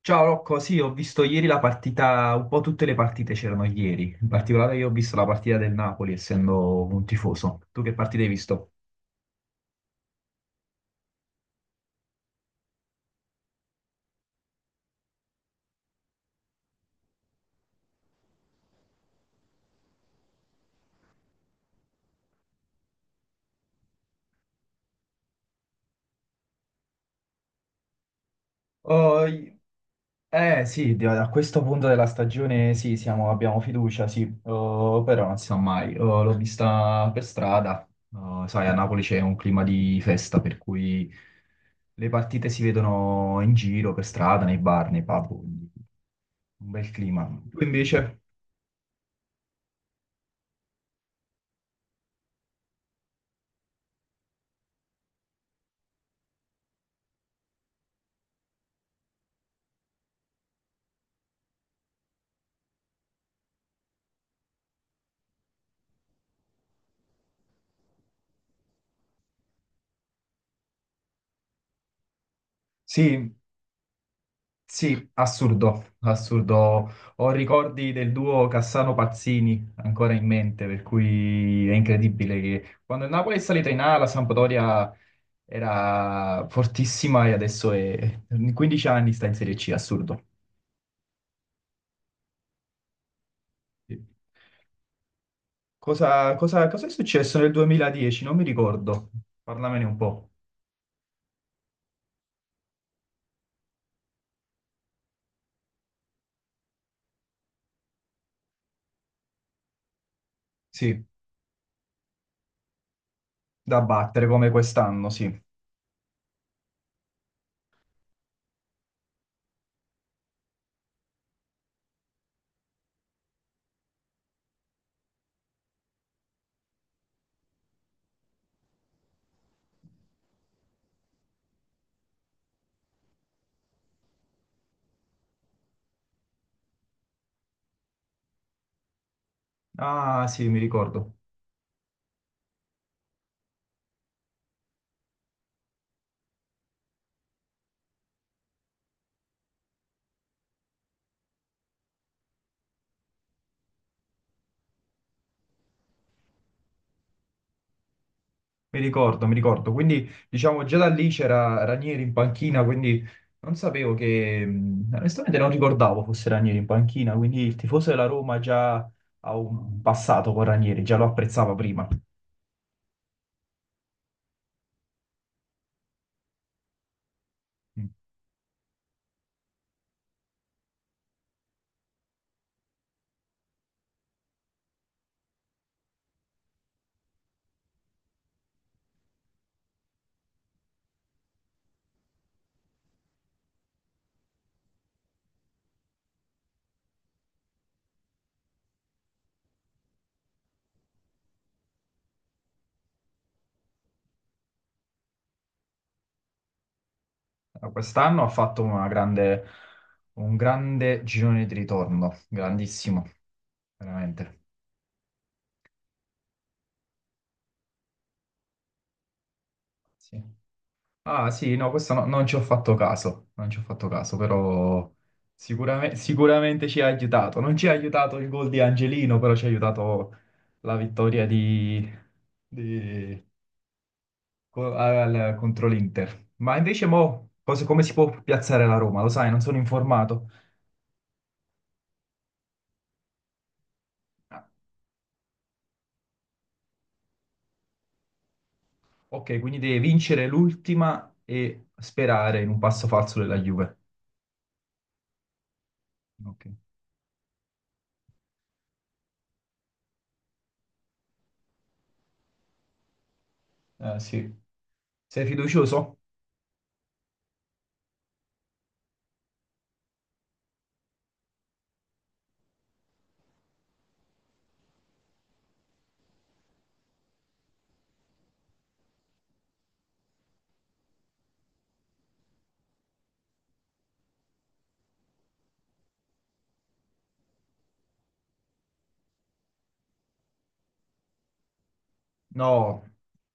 Ciao Rocco, sì, ho visto ieri la partita, un po' tutte le partite c'erano ieri, in particolare io ho visto la partita del Napoli, essendo un tifoso. Tu che partita hai visto? Oh, eh sì, a questo punto della stagione sì, abbiamo fiducia, sì. Oh, però non si sa mai. Oh, l'ho vista per strada. Oh, sai, a Napoli c'è un clima di festa, per cui le partite si vedono in giro, per strada, nei bar, nei pub, quindi un bel clima. Tu invece? Sì. Sì, assurdo, assurdo. Ho ricordi del duo Cassano-Pazzini ancora in mente, per cui è incredibile che quando il Napoli è salita in A, la Sampdoria era fortissima e adesso è in 15 anni sta in Serie C, assurdo. Sì. Cosa è successo nel 2010? Non mi ricordo. Parlamene un po'. Sì, da battere come quest'anno, sì. Ah, sì, mi ricordo. Mi ricordo, mi ricordo. Quindi, diciamo, già da lì c'era Ranieri in panchina, quindi non sapevo che onestamente non ricordavo fosse Ranieri in panchina, quindi il tifoso della Roma già ha un passato con Ranieri, già lo apprezzava prima. Mm. Allora, quest'anno ha fatto un grande girone di ritorno, grandissimo, veramente. Sì. Ah sì, no, questo non ci ho fatto caso, non ci ho fatto caso, però sicuramente ci ha aiutato. Non ci ha aiutato il gol di Angelino, però ci ha aiutato la vittoria di- contro l'Inter. Ma invece mo, come si può piazzare la Roma? Lo sai, non sono informato. Ah, ok, quindi deve vincere l'ultima e sperare in un passo falso della Juve. Ok. Sì. Sei fiducioso? No,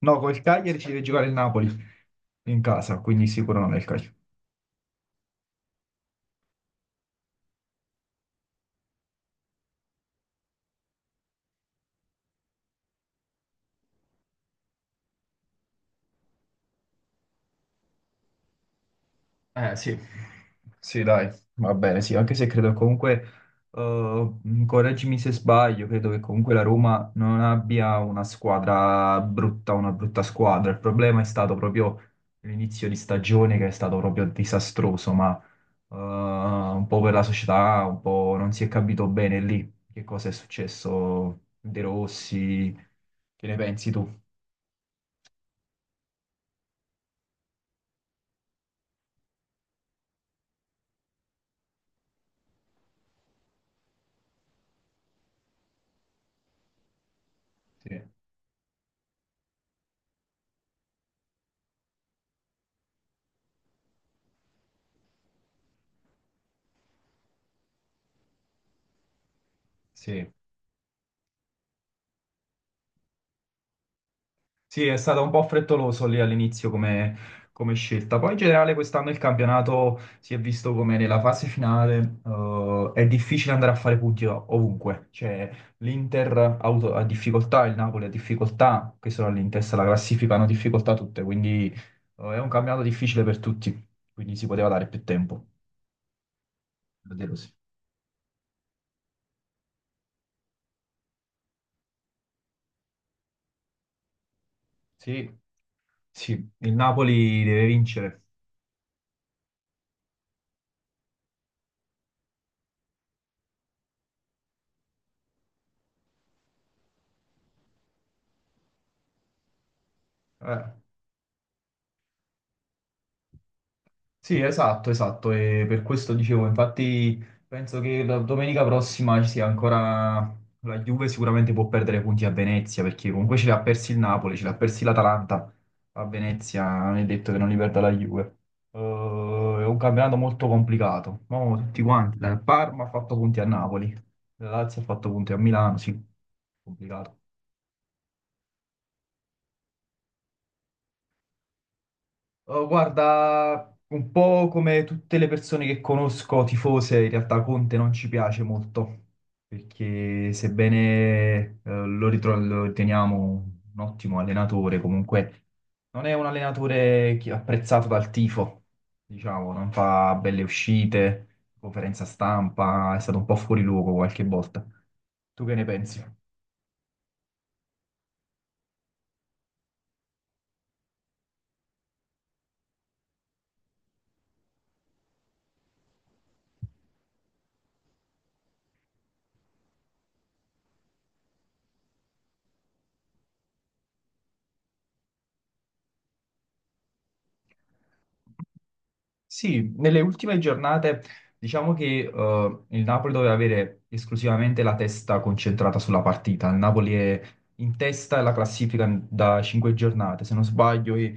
no, col Cagliari ci deve giocare il Napoli in casa, quindi sicuro non è il Cagliari. Eh sì, sì dai, va bene, sì, anche se credo comunque, eh, correggimi se sbaglio, credo che comunque la Roma non abbia una squadra brutta, una brutta squadra, il problema è stato proprio l'inizio di stagione che è stato proprio disastroso, ma un po' per la società, un po' non si è capito bene lì che cosa è successo, De Rossi, che ne pensi tu? Sì, sì. Sì, è stato un po' frettoloso lì all'inizio come scelta. Poi in generale quest'anno il campionato si è visto come nella fase finale, è difficile andare a fare punti ovunque. Cioè l'Inter ha difficoltà, il Napoli ha difficoltà, che sono lì in testa alla classifica, hanno difficoltà tutte, quindi è un campionato difficile per tutti, quindi si poteva dare più tempo. Davvero sì. Sì, sì, il Napoli deve vincere. Eh. Sì, esatto, esatto, e per questo dicevo, infatti penso che la domenica prossima ci sia ancora la Juve sicuramente può perdere punti a Venezia, perché comunque ce li ha persi il Napoli, ce li ha persi l'Atalanta, a Venezia non è detto che non li perda la Juve. Eh, è un campionato molto complicato, ma tutti quanti, la Parma ha fatto punti a Napoli, la Lazio ha fatto punti a Milano, sì, complicato. Oh, guarda, un po' come tutte le persone che conosco, tifose, in realtà Conte non ci piace molto, perché sebbene lo riteniamo un ottimo allenatore, comunque non è un allenatore apprezzato dal tifo, diciamo, non fa belle uscite, conferenza stampa, è stato un po' fuori luogo qualche volta. Tu che ne pensi? Sì, nelle ultime giornate diciamo che il Napoli doveva avere esclusivamente la testa concentrata sulla partita. Il Napoli è in testa alla classifica da cinque giornate, se non sbaglio, e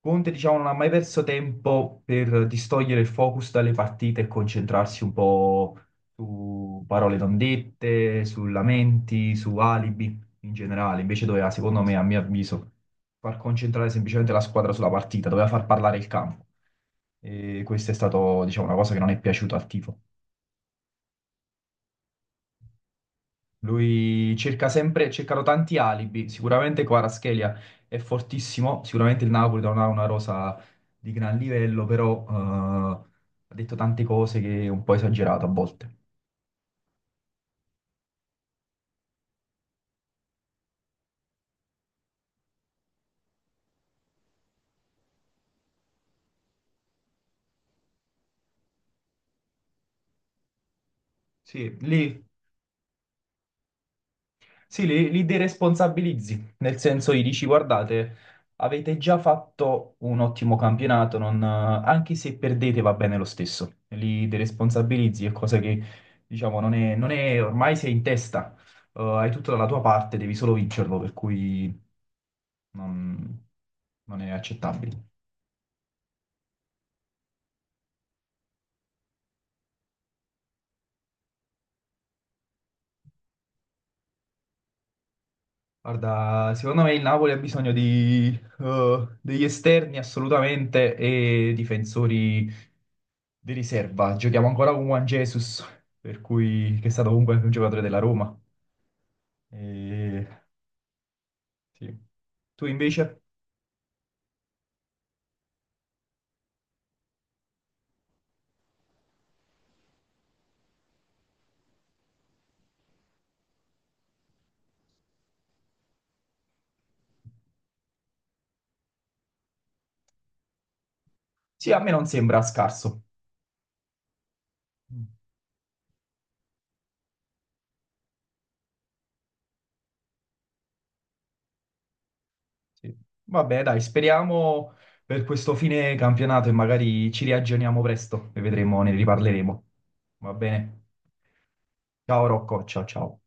Conte diciamo non ha mai perso tempo per distogliere il focus dalle partite e concentrarsi un po' su parole non dette, su lamenti, su alibi in generale. Invece doveva, secondo me, a mio avviso far concentrare semplicemente la squadra sulla partita, doveva far parlare il campo. E questa è stata, diciamo, una cosa che non è piaciuta al tifo. Lui cerca sempre, cercano tanti alibi, sicuramente Kvaratskhelia è fortissimo, sicuramente il Napoli non ha una rosa di gran livello, però ha detto tante cose che è un po' esagerate a volte. Sì, lì. Sì, li deresponsabilizzi, nel senso gli dici, guardate, avete già fatto un ottimo campionato, anche se perdete va bene lo stesso. Li deresponsabilizzi, è cosa che, diciamo, non è, non è- ormai sei in testa, hai tutto dalla tua parte, devi solo vincerlo, per cui non, non è accettabile. Guarda, secondo me il Napoli ha bisogno degli esterni assolutamente e difensori di riserva. Giochiamo ancora con Juan Jesus, per cui, che è stato comunque un giocatore della Roma. E, sì. Tu invece? Sì, a me non sembra scarso. Mm, sì. Vabbè, dai, speriamo per questo fine campionato e magari ci riaggiorniamo presto e vedremo, ne riparleremo. Va bene? Ciao Rocco, ciao ciao.